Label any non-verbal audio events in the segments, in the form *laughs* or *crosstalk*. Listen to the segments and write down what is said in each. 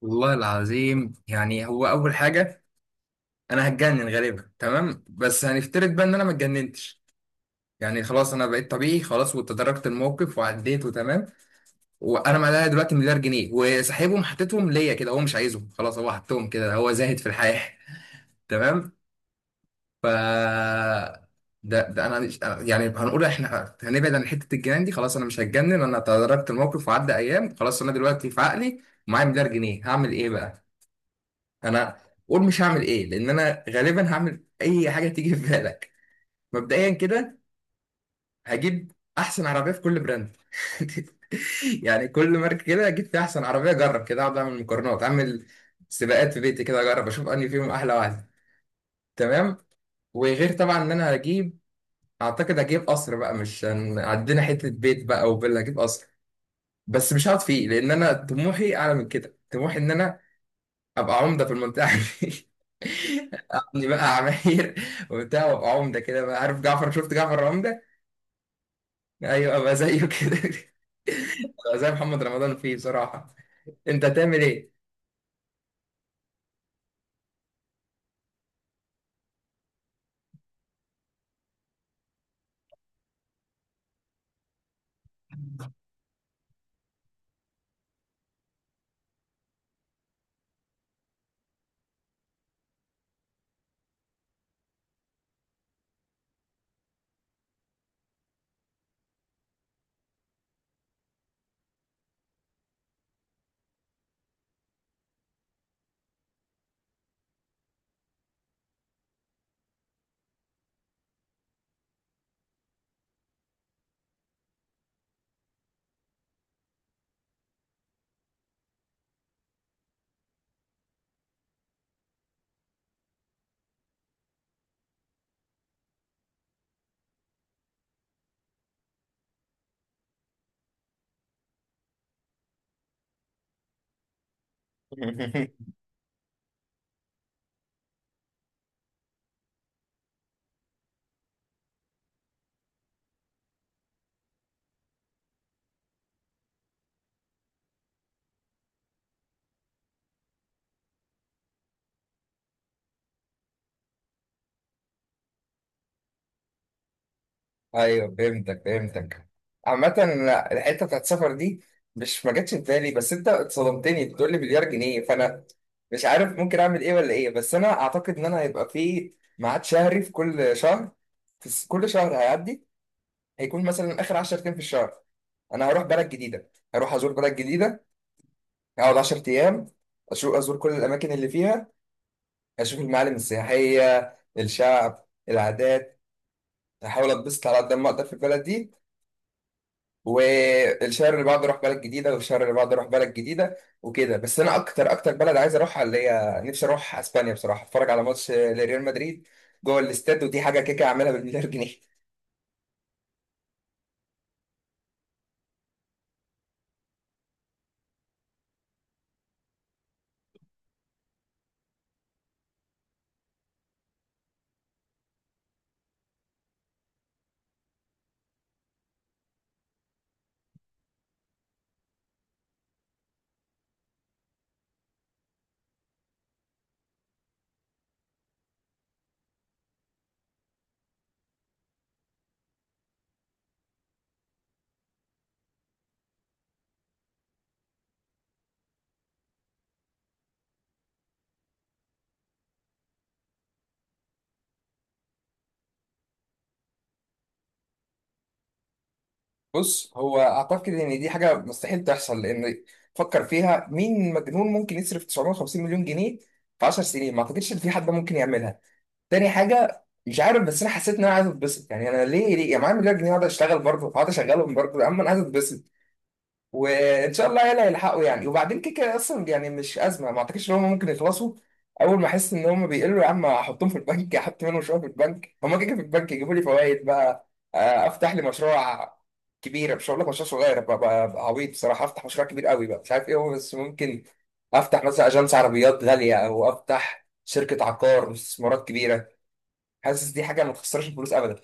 والله العظيم. هو اول حاجه انا هتجنن غالبا. تمام، بس هنفترض بقى ان انا ما اتجننتش. خلاص انا بقيت طبيعي، خلاص، وتداركت الموقف وعديت وتمام. وانا معايا دلوقتي مليار جنيه وسحبهم حطيتهم ليا كده، هو مش عايزهم خلاص، هو حطهم كده، هو زاهد في الحياه. *laughs* تمام. ف ده انا مش هنقول احنا هنبعد عن حته الجنان دي، خلاص انا مش هتجنن، انا تداركت الموقف وعدى ايام، خلاص انا دلوقتي في عقلي معايا مليار جنيه هعمل ايه بقى. انا قول مش هعمل ايه، لان انا غالبا هعمل اي حاجه تيجي في بالك. مبدئيا كده هجيب احسن عربيه في كل براند. *laughs* كل ماركه كده هجيب فيها احسن عربيه، اجرب كده، اقعد اعمل مقارنات، اعمل سباقات في بيتي كده، اجرب اشوف انهي فيهم احلى واحده. تمام. وغير طبعا ان انا هجيب، اعتقد هجيب قصر بقى. مش هن- عندنا حته بيت بقى وفيلا، هجيب قصر، بس مش هقعد فيه لان انا طموحي اعلى من كده. طموحي ان انا ابقى عمده في المنطقه دي. *laughs* اقضي بقى عماير وبتاع وابقى عمده كده بقى. عارف جعفر؟ شفت جعفر عمده؟ ايوه، ابقى زيه كده. *laughs* ابقى زي محمد رمضان فيه بصراحه. انت تعمل ايه؟ *laughs* ايوه فهمتك، فهمتك. عامة لا، الحتة بتاعت السفر دي مش ما جاتش في بالي، بس انت اتصدمتني بتقول لي مليار جنيه، فانا مش عارف ممكن اعمل ايه ولا ايه. بس انا اعتقد ان انا هيبقى في ميعاد شهري في كل شهر. كل شهر هيعدي هيكون مثلا اخر 10 ايام في الشهر، انا هروح بلد جديده، هروح ازور بلد جديده، هقعد 10 ايام اشوف ازور كل الاماكن اللي فيها، اشوف المعالم السياحيه، الشعب، العادات، احاول اتبسط على قد ما اقدر في البلد دي. والشهر اللي بعده اروح بلد جديده، والشهر اللي بعده اروح بلد جديده، وكده. بس انا اكتر اكتر بلد عايز اروحها، اللي هي نفسي اروح اسبانيا بصراحه، اتفرج على ماتش لريال مدريد جوه الاستاد، ودي حاجه كيكه اعملها بالمليار جنيه. بص، هو اعتقد ان دي حاجه مستحيل تحصل، لان فكر فيها، مين مجنون ممكن يصرف 950 مليون جنيه في 10 سنين؟ ما اعتقدش ان في حد ممكن يعملها. تاني حاجه، مش عارف، بس انا حسيت ان انا عايز اتبسط. انا ليه، يا معايا مليار جنيه اقعد اشتغل برضه، اقعد اشغلهم برضه، اما انا عايز اتبسط. وان شاء الله يلا يلحقوا وبعدين كده كده اصلا، مش ازمه، ما اعتقدش ان هم ممكن يخلصوا. اول ما احس ان هم بيقلوا، يا عم احطهم في البنك، احط منهم شويه في البنك، هم كده كده في البنك يجيبوا لي فوائد بقى. افتح لي مشروع كبير، مش هقول لك مشروع صغير بقى بقى عبيط بصراحه. افتح مشروع كبير قوي بقى، مش عارف ايه هو، بس ممكن افتح مثلا اجانس عربيات غاليه، او افتح شركه عقار واستثمارات كبيره. حاسس دي حاجه ما تخسرش الفلوس ابدا.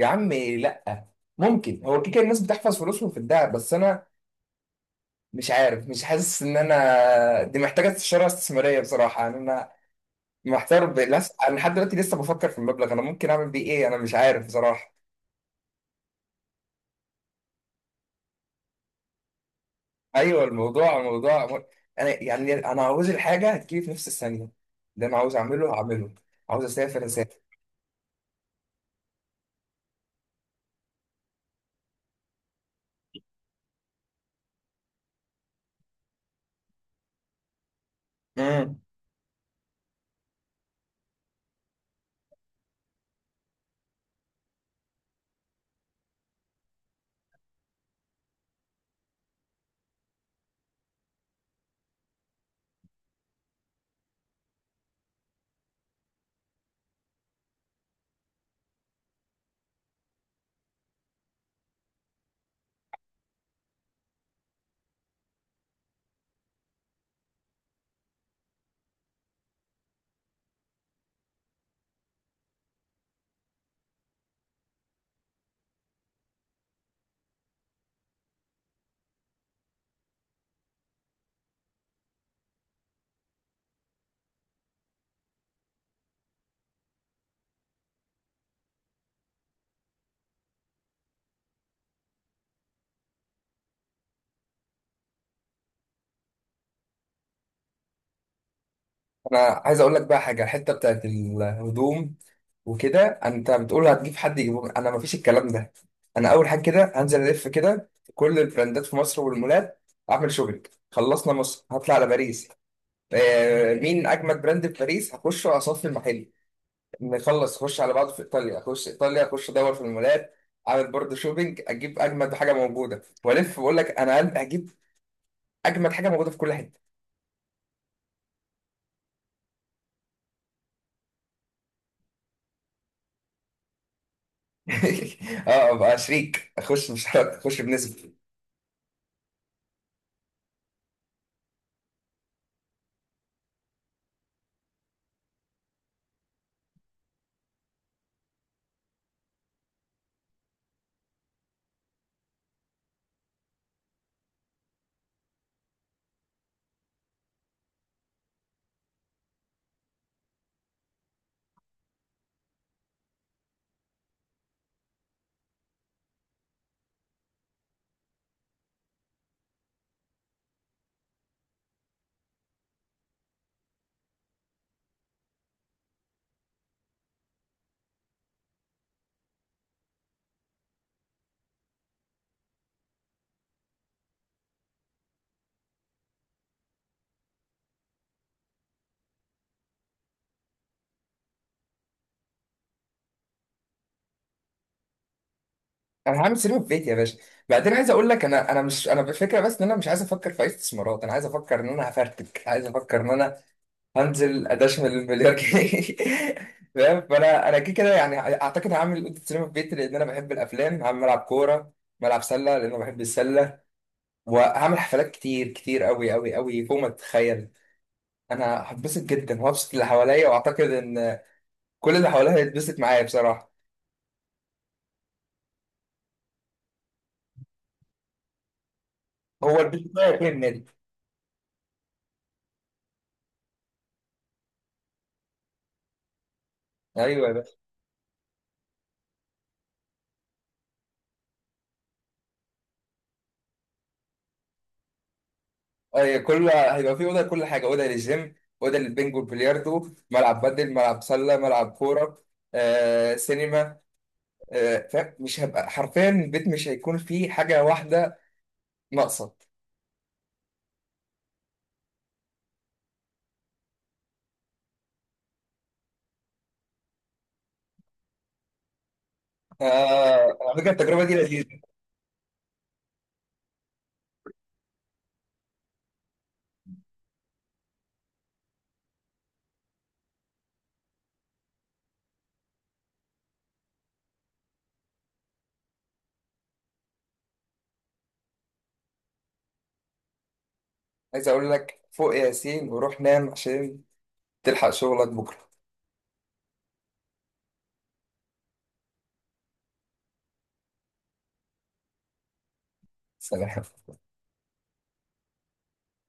يا عم لا. ممكن، هو كده كده الناس بتحفظ فلوسهم في الدهب، بس انا مش عارف، مش حاسس ان انا، دي محتاجه استشاره استثماريه بصراحه. انا محتار انا لحد دلوقتي لسه بفكر في المبلغ انا ممكن اعمل بيه ايه، انا مش عارف بصراحه. ايوه، الموضوع موضوع، انا عاوز الحاجه هتجيلي في نفس الثانيه اللي انا عاوز اعمله هعمله. عاوز اسافر اسافر. مم. انا عايز اقول لك بقى حاجه، الحته بتاعت الهدوم وكده انت بتقول هتجيب حد يجيبه، انا مفيش الكلام ده. انا اول حاجه كده هنزل الف كده في كل البراندات في مصر والمولات، اعمل شوبينج، خلصنا مصر هطلع على باريس. مين اجمد براند في باريس هخش واصفي المحل. نخلص اخش على بعض في ايطاليا، اخش ايطاليا اخش ادور في المولات، اعمل برضه شوبينج، اجيب اجمد حاجه موجوده. والف واقول لك انا قلب، هجيب اجمد حاجه موجوده في كل حته. *laughs* اه ابقى شريك، اخش، مش هخش بنسبه. انا هعمل سينما في بيتي يا باشا. بعدين عايز اقول لك، انا انا مش انا بالفكره، بس ان انا مش عايز افكر في اي استثمارات، انا عايز افكر ان انا هفرتك، عايز افكر ان انا هنزل ادشمل المليار جنيه. *laughs* فاهم؟ فانا كده كده، اعتقد هعمل اوضه سينما في بيتي لان انا بحب الافلام، هعمل ملعب كوره، ملعب سله لان انا بحب السله، وهعمل حفلات كتير كتير قوي قوي قوي فوق ما تتخيل. انا هتبسط جدا وهبسط اللي حواليا، واعتقد ان كل اللي حواليا هيتبسط معايا بصراحه. هو البيت بتاعي فين النادي؟ ايوه. أي كل هيبقى في أوضة، لكل حاجة أوضة، للجيم أوضة، للبنج والبلياردو، ملعب بدل، ملعب سلة، ملعب كورة، سينما. فاهم؟ مش هبقى حرفيا، البيت مش هيكون فيه حاجة واحدة ناقصة. على فكرة التجربة دي لذيذة. عايز أقول لك فوق يا ياسين وروح نام عشان تلحق شغلك بكرة. سلام.